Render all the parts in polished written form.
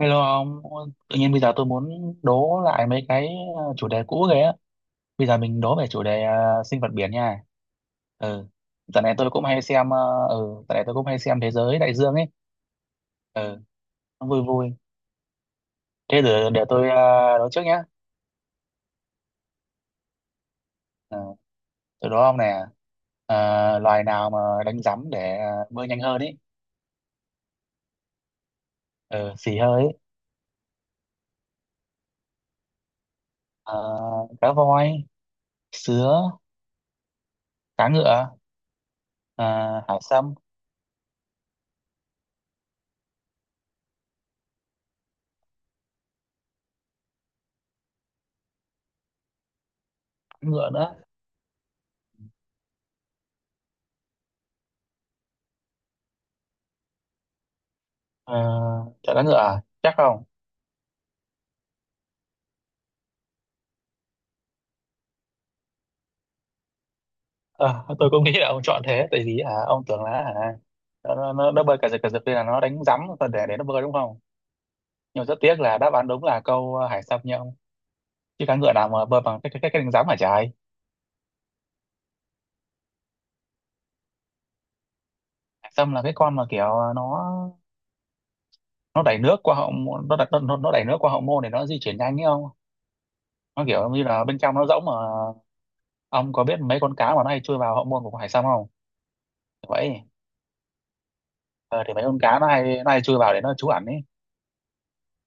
Hello ông, tự nhiên bây giờ tôi muốn đố lại mấy cái chủ đề cũ ghê á. Bây giờ mình đố về chủ đề sinh vật biển nha. Ừ. Dạo này tôi cũng hay xem, ờ, ừ, Dạo này tôi cũng hay xem Thế giới đại dương ấy. Ừ, nó vui vui. Thế để tôi đố trước nhá. Ừ, tôi đố ông nè. Ờ, Loài nào mà đánh rắm để bơi nhanh hơn ấy. Ừ, xì hơi ấy. Ờ, Cá voi, sứa, cá ngựa, ờ, hải sâm, cá ngựa nữa. Ờ, Chọn cá ngựa à? Chắc không? Ờ, tôi cũng nghĩ là ông chọn thế, tại vì ông tưởng là nó bơi cả giật cả giật. Đây là nó đánh rắm và để nó bơi đúng không. Nhưng mà rất tiếc là đáp án đúng là câu hải sâm nha ông, chứ cá ngựa nào mà bơi bằng cái đánh rắm hả trời. Hải sâm là cái con mà kiểu nó đẩy nước qua hậu môn- nó đặt nó đẩy nước qua hậu môn để nó di chuyển nhanh ấy không. Nó kiểu như là bên trong nó rỗng mà. Ông có biết mấy con cá mà nó hay chui vào hậu môn của con hải sâm không? Vậy ờ, thì mấy con cá nó hay chui vào để nó trú ẩn ấy.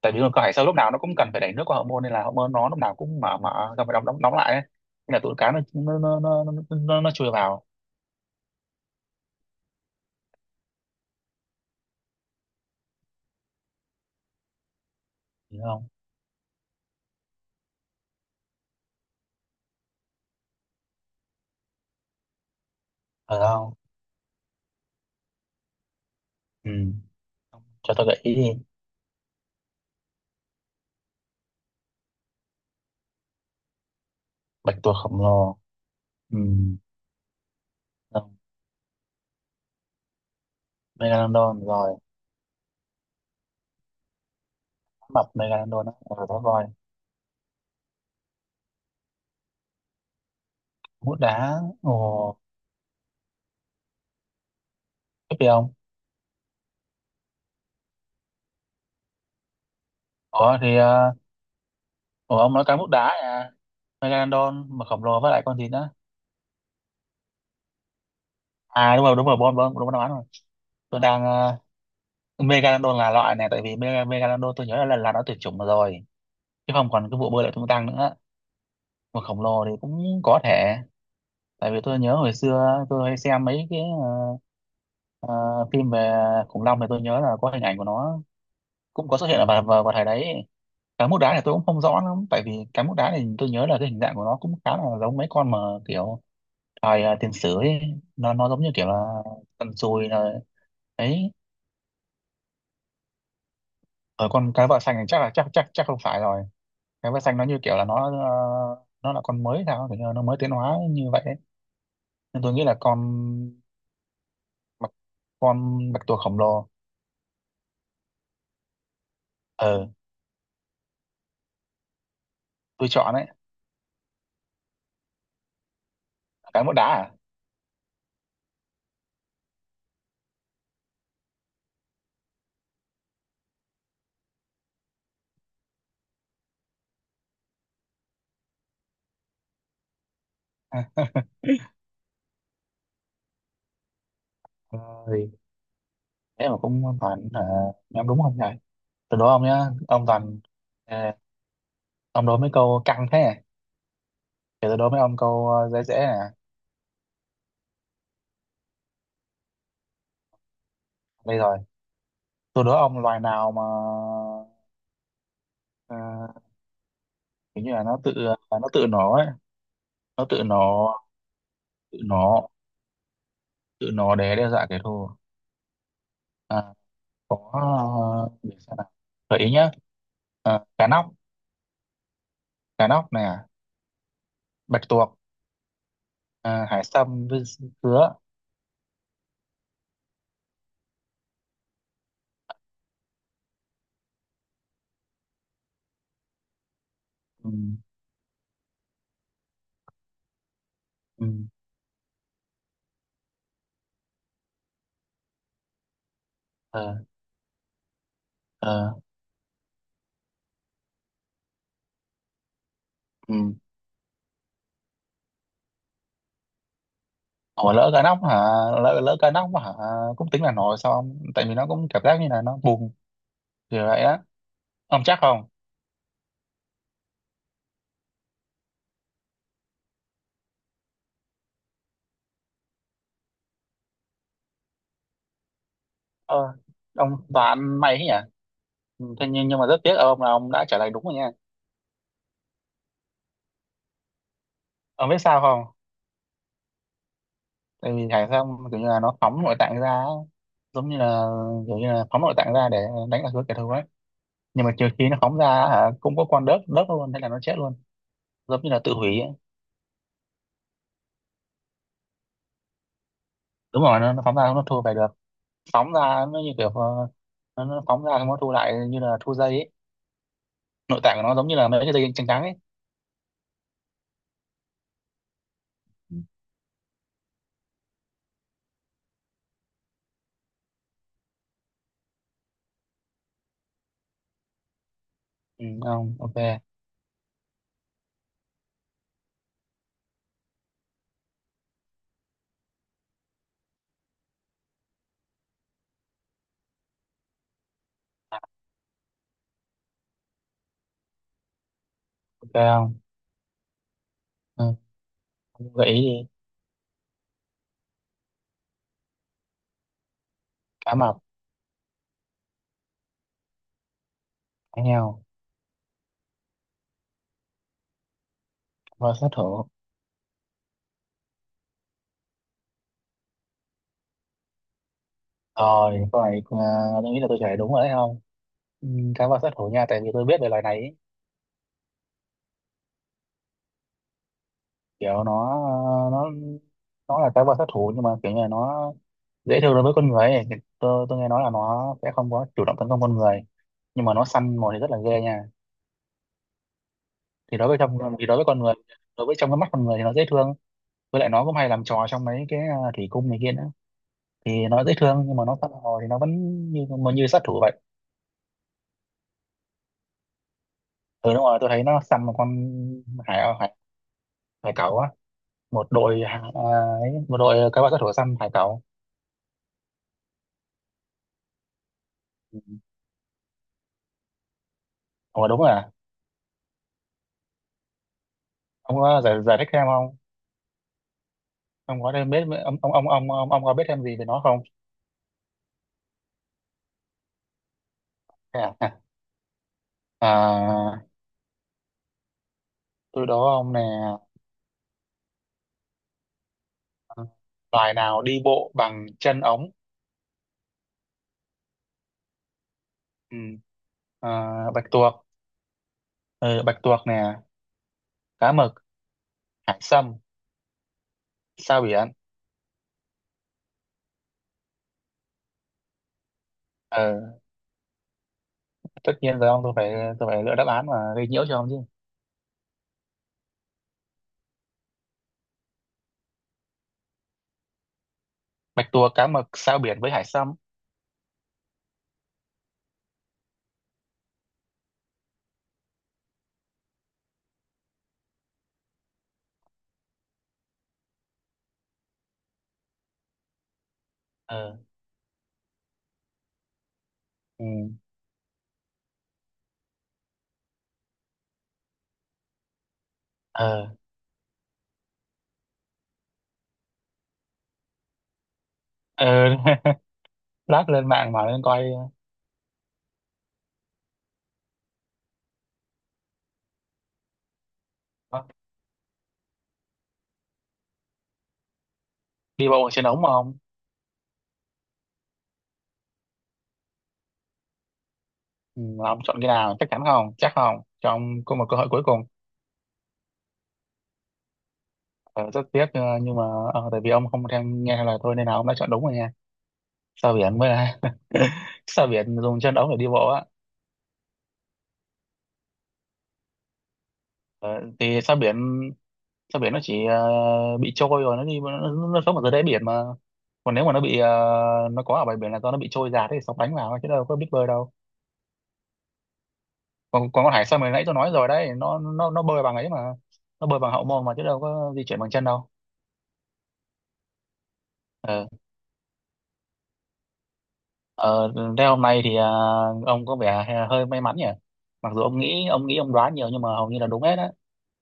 Tại vì thường cơ hải sâu lúc nào nó cũng cần phải đẩy nước qua hậu môn, nên là hậu môn nó lúc nào cũng mở mở ra phải đóng đóng đóng lại ấy. Nên là tụi cá nó chui vào. Hiểu không? Ở không. Ừ. Cho tôi gợi ý đi. Bạch tuộc khổng lồ. Ừ. Không. Megalodon rồi. Mập megalodon đó rồi đó rồi. Mút đá ồ. Tiếp đi ông. ủa thì ờ, Ủa ông nói cá mút đá à? Megalodon mà khổng lồ với lại con gì nữa? À đúng rồi, đúng rồi, bon bon, đúng rồi, đáp án rồi. Tôi đang megalodon là loại này, tại vì megalodon tôi nhớ là lần là nó tuyệt chủng rồi, chứ không còn cái vụ bơi lội tung tăng nữa. Mà khổng lồ thì cũng có thể, tại vì tôi nhớ hồi xưa tôi hay xem mấy cái ờ, phim về khủng long, thì tôi nhớ là có hình ảnh của nó cũng có xuất hiện ở vào thời đấy. Cá mút đá thì tôi cũng không rõ lắm, tại vì cá mút đá thì tôi nhớ là cái hình dạng của nó cũng khá là giống mấy con mà kiểu thời tiền sử ấy. Nó giống như kiểu là tần sùi là ấy. Ở con cá vợ xanh thì chắc là chắc chắc chắc không phải rồi. Cá vợ xanh nó như kiểu là nó, nó là con mới sao, kiểu như là nó mới tiến hóa như vậy, nên tôi nghĩ là con bạch, con bạch tuộc khổng lồ. Ờ, tôi chọn đấy. Cái mẫu đá à? Ha, rồi. Thế mà cũng toàn hả, nhắm đúng không nhỉ. Tôi đố ông nhá, ông toàn... À, ông đố mấy câu căng thế này, để tôi đố mấy ông câu dễ dễ này. Đây rồi. Tôi đố ông loài nào mà ờ, kiểu như là nó tự, nó tự nổ ấy. Nó tự nổ. Tự nổ. Tự nổ để đe dọa kẻ thù. à, có để xem nào, gợi ý nhá. Cá nóc. Cá nóc nè, bạch tuộc, hải sâm với dứa. Ừ, ừ, ờ, ờ, ừ. Ủa lỡ cá nóc hả? Lỡ lỡ cá nóc hả? Cũng tính là nổi sao ông, tại vì nó cũng cảm giác như là nó bùng kiểu vậy á. Ông chắc không? ờ, ông đoán may thế nhỉ. Ừ, thế nhưng mà rất tiếc ông, là ông đã trả lời đúng rồi nha. Ông biết sao không? Tại vì hải sâm kiểu như là nó phóng nội tạng ra á. Giống như là, kiểu như là phóng nội tạng ra để đánh lạc hướng kẻ thù ấy. Nhưng mà trừ khi nó phóng ra hả cũng có con đớp đớp luôn thế là nó chết luôn, giống như là tự hủy ấy. Đúng rồi, nó phóng ra nó thua về được. Phóng ra nó như kiểu nó phóng ra xong nó thu lại như là thu dây ấy. Nội tạng của nó giống như là mấy cái dây chằng trắng ấy. Ừ, không ok. Ok không. Ừ, không gợi ý đi. Cá mập, cá heo, cá voi sát thủ. Rồi, câu này tôi nghĩ là tôi trả lời đúng rồi đấy không. Ừ, cá voi sát thủ nha, tại vì tôi biết về loài này ấy. Kiểu nó nó là cá voi sát thủ, nhưng mà kiểu như là nó dễ thương đối với con người ấy. Tôi nghe nói là nó sẽ không có chủ động tấn công con người, nhưng mà nó săn mồi thì rất là ghê nha. Thì đối với con người, đối với trong cái mắt con người thì nó dễ thương. Với lại nó cũng hay làm trò trong mấy cái thủy cung này kia nữa. Thì nó dễ thương nhưng mà nó săn hồ thì nó vẫn như mà như sát thủ vậy. Ừ đúng rồi, tôi thấy nó săn một con hải hải hải cẩu á. Một đội ấy, một đội cá bạc sát thủ săn hải cẩu. Ừ. Ủa đúng rồi à? Ông có giải thích thêm không? Ông có thêm biết ông có biết thêm gì về nó không? Thế à, à tôi đố ông nè. Loài nào đi bộ bằng chân ống? Ừ. à, Bạch tuộc. Ừ, bạch tuộc nè, cá mực, hải sâm, sao biển. Ờ, tất nhiên rồi ông, tôi phải lựa đáp án mà gây nhiễu cho ông chứ. Bạch tuộc, cá mực, sao biển với hải sâm. Ờ. Ừ. Ờ. Ờ. Lát lên mạng mà lên coi. ờ, Đi bộ trên ống mà ông. Ừ, mà ông chọn cái nào, chắc chắn không, chắc không, cho ông có một cơ hội cuối cùng. Nhưng mà tại vì ông không theo nghe lời tôi nên là ông đã chọn đúng rồi nha. Sao biển mới là sao biển dùng chân ống để đi bộ á. ờ, thì sao biển, sao biển nó chỉ bị trôi rồi nó đi nó sống ở dưới đáy biển mà. Còn nếu mà nó bị nó có ở bãi biển là do nó bị trôi giạt thì sóng đánh vào chứ đâu có biết bơi đâu. Còn còn con hải sâm, hồi nãy tôi nói rồi đấy, nó bơi bằng ấy mà. Nó bơi bằng hậu môn mà, chứ đâu có di chuyển bằng chân đâu. Ờ. Ờ, thế hôm nay thì ông có vẻ hơi may mắn nhỉ. Mặc dù ông nghĩ ông đoán nhiều nhưng mà hầu như là đúng hết á,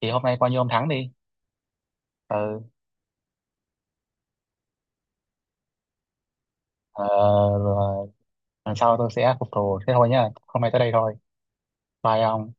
thì hôm nay coi như ông thắng đi. Ờ. ờ, Rồi, lần sau tôi sẽ phục thù, thế thôi nhá, hôm nay tới đây thôi. Bye ông.